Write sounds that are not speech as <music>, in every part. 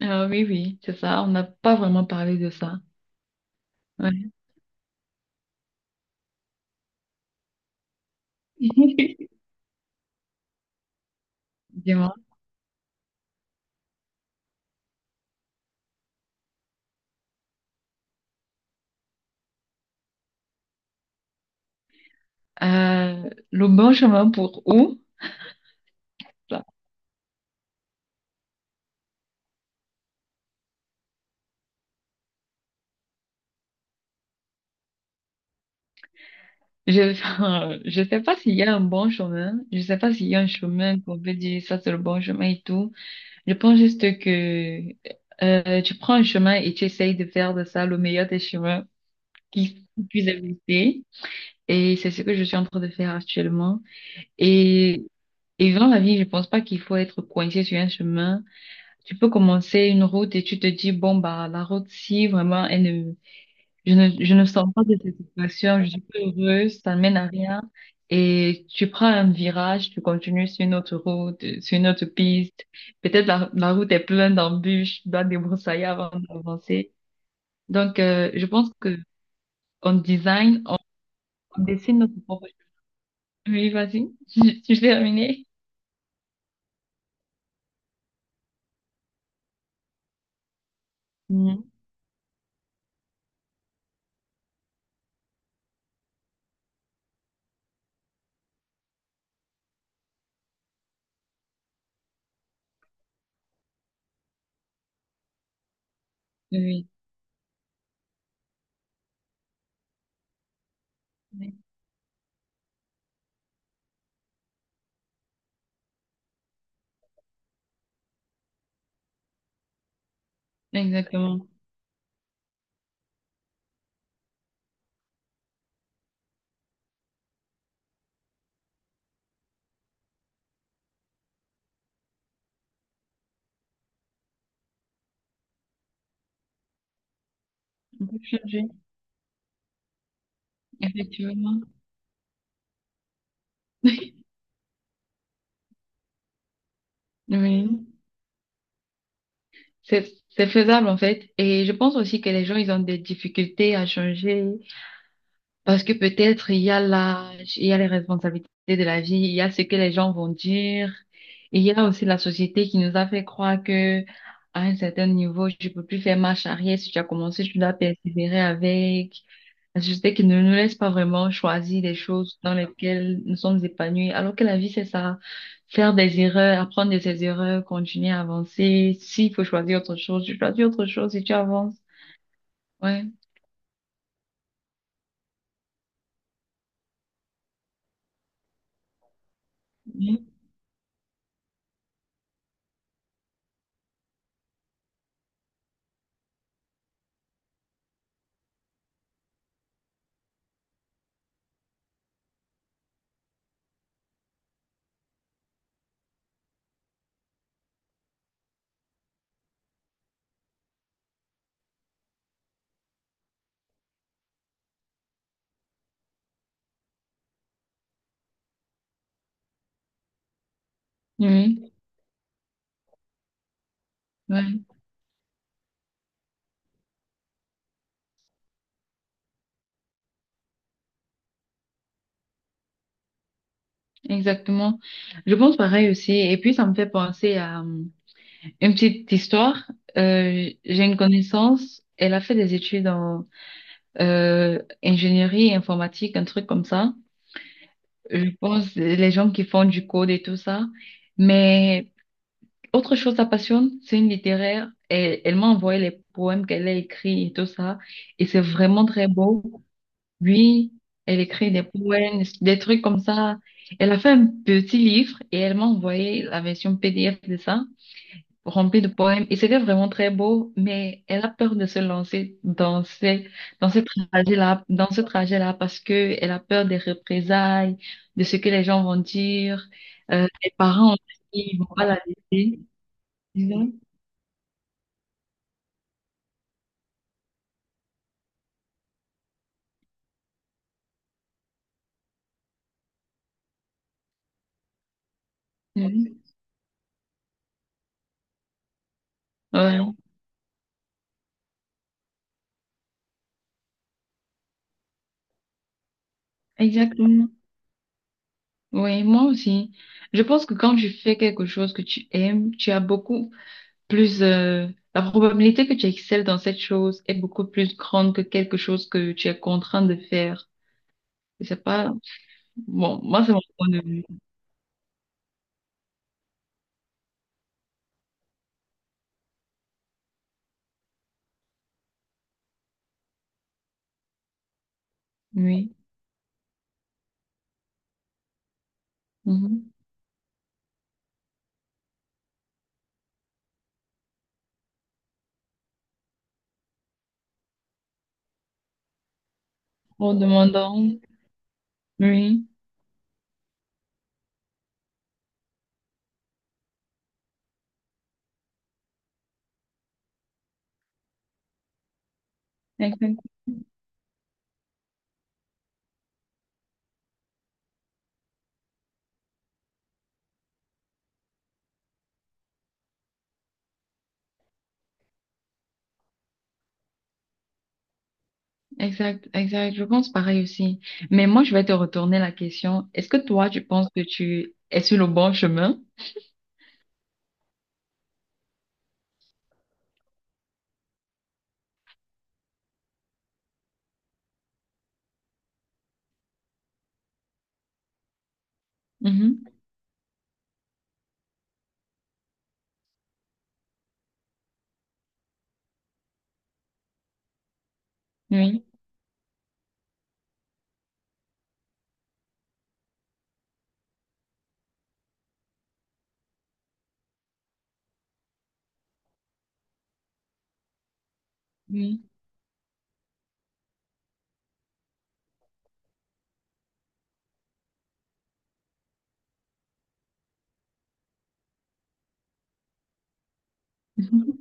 Ah oui, oui, c'est ça. On n'a pas vraiment parlé de ça. Ouais. <laughs> Dis-moi. Le bon chemin pour où? Ça. Je, <laughs> je sais pas s'il y a un bon chemin. Je sais pas s'il y a un chemin qu'on peut dire ça c'est le bon chemin et tout. Je pense juste que tu prends un chemin et tu essayes de faire de ça le meilleur des chemins qui puisse exister. Et c'est ce que je suis en train de faire actuellement. Et, et dans la vie, je pense pas qu'il faut être coincé sur un chemin. Tu peux commencer une route et tu te dis, bon, bah, la route, si vraiment, elle ne, je ne, je ne sens pas de satisfaction, je suis pas heureuse, ça ne mène à rien. Et tu prends un virage, tu continues sur une autre route, sur une autre piste. Peut-être la route est pleine d'embûches, tu dois te débroussailler avant d'avancer. Donc, je pense que on design, on, on dessine notre propre. Oui, vas-y. <laughs> Tu terminé? Mhm. Oui, exactement. On peut changer, effectivement. <laughs> Oui. C'est faisable en fait. Et je pense aussi que les gens, ils ont des difficultés à changer parce que peut-être il y a l'âge, il y a les responsabilités de la vie, il y a ce que les gens vont dire. Et il y a aussi la société qui nous a fait croire que à un certain niveau, tu peux plus faire marche arrière. Si tu as commencé, tu dois persévérer avec. La société qui ne nous laisse pas vraiment choisir des choses dans lesquelles nous sommes épanouis, alors que la vie, c'est ça. Faire des erreurs, apprendre de ses erreurs, continuer à avancer. S'il faut choisir autre chose, tu choisis autre chose et tu avances. Ouais. Oui, oui, ouais, exactement. Je pense pareil aussi. Et puis, ça me fait penser à une petite histoire. J'ai une connaissance, elle a fait des études en ingénierie informatique, un truc comme ça. Je pense, les gens qui font du code et tout ça. Mais autre chose, sa passion, c'est une littéraire. Elle, elle m'a envoyé les poèmes qu'elle a écrits et tout ça. Et c'est vraiment très beau. Oui, elle écrit des poèmes, des trucs comme ça. Elle a fait un petit livre et elle m'a envoyé la version PDF de ça remplie de poèmes et c'était vraiment très beau, mais elle a peur de se lancer dans dans ce trajet-là parce que elle a peur des représailles, de ce que les gens vont dire, les parents aussi, ils vont pas la laisser, disons. Oui, ouais, exactement. Oui, moi aussi. Je pense que quand tu fais quelque chose que tu aimes, tu as beaucoup plus, la probabilité que tu excelles dans cette chose est beaucoup plus grande que quelque chose que tu es contraint de faire. Je sais pas. Bon, moi, c'est mon point de vue. Oui. Mhm. En demandant. Oui. Exact, exact, exact. Je pense pareil aussi. Mais moi, je vais te retourner la question. Est-ce que toi, tu penses que tu es sur le bon chemin? Mhm. Oui. Oui. <laughs> Mhm.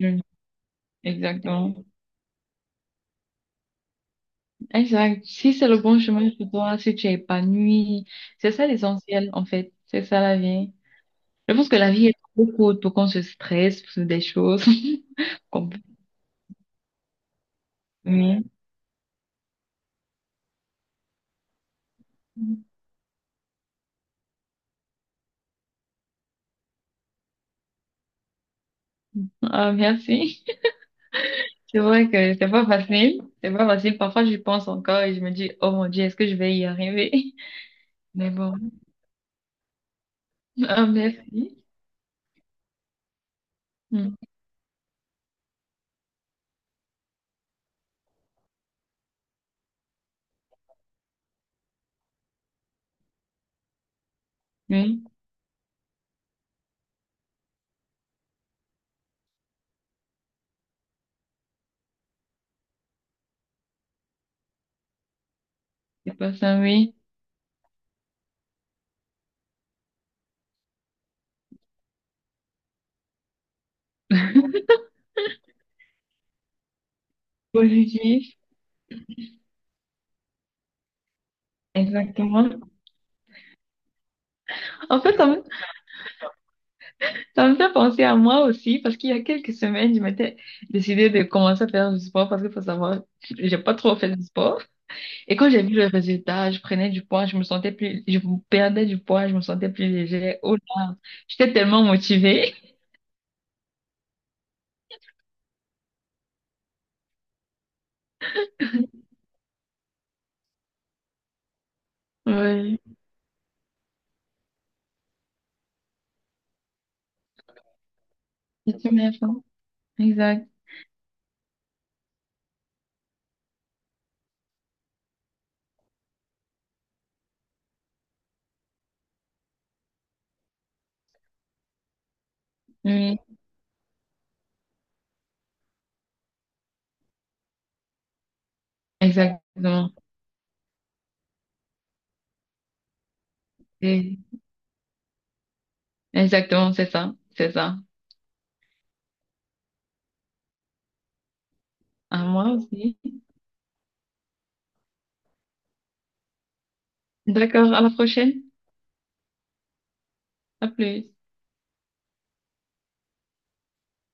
Oui. Exactement. Exact. Si c'est le bon chemin pour toi, si tu es épanoui, c'est ça l'essentiel, en fait. C'est ça la vie. Je pense que la vie est trop courte pour qu'on se stresse pour des choses. <laughs> Qu'on... Oui. Ah, merci. C'est vrai que c'est pas facile. C'est pas facile. Parfois, j'y pense encore et je me dis, oh mon Dieu, est-ce que je vais y arriver? <laughs> Mais bon. Ah, merci. Hmm. Oui, c'est pas ça, oui. Positif. Exactement. En fait, ça me fait penser à moi aussi parce qu'il y a quelques semaines, je m'étais décidée de commencer à faire du sport parce qu'il faut savoir, j'ai pas trop fait du sport. Et quand j'ai vu le résultat, je prenais du poids, je me sentais plus, je perdais du poids, je me sentais plus légère. Oh là, j'étais tellement motivée. Oui. C'est une erreur. Exact. Oui, exactement. Et... Exactement, c'est ça. C'est ça. À moi aussi. D'accord, à la prochaine. À plus.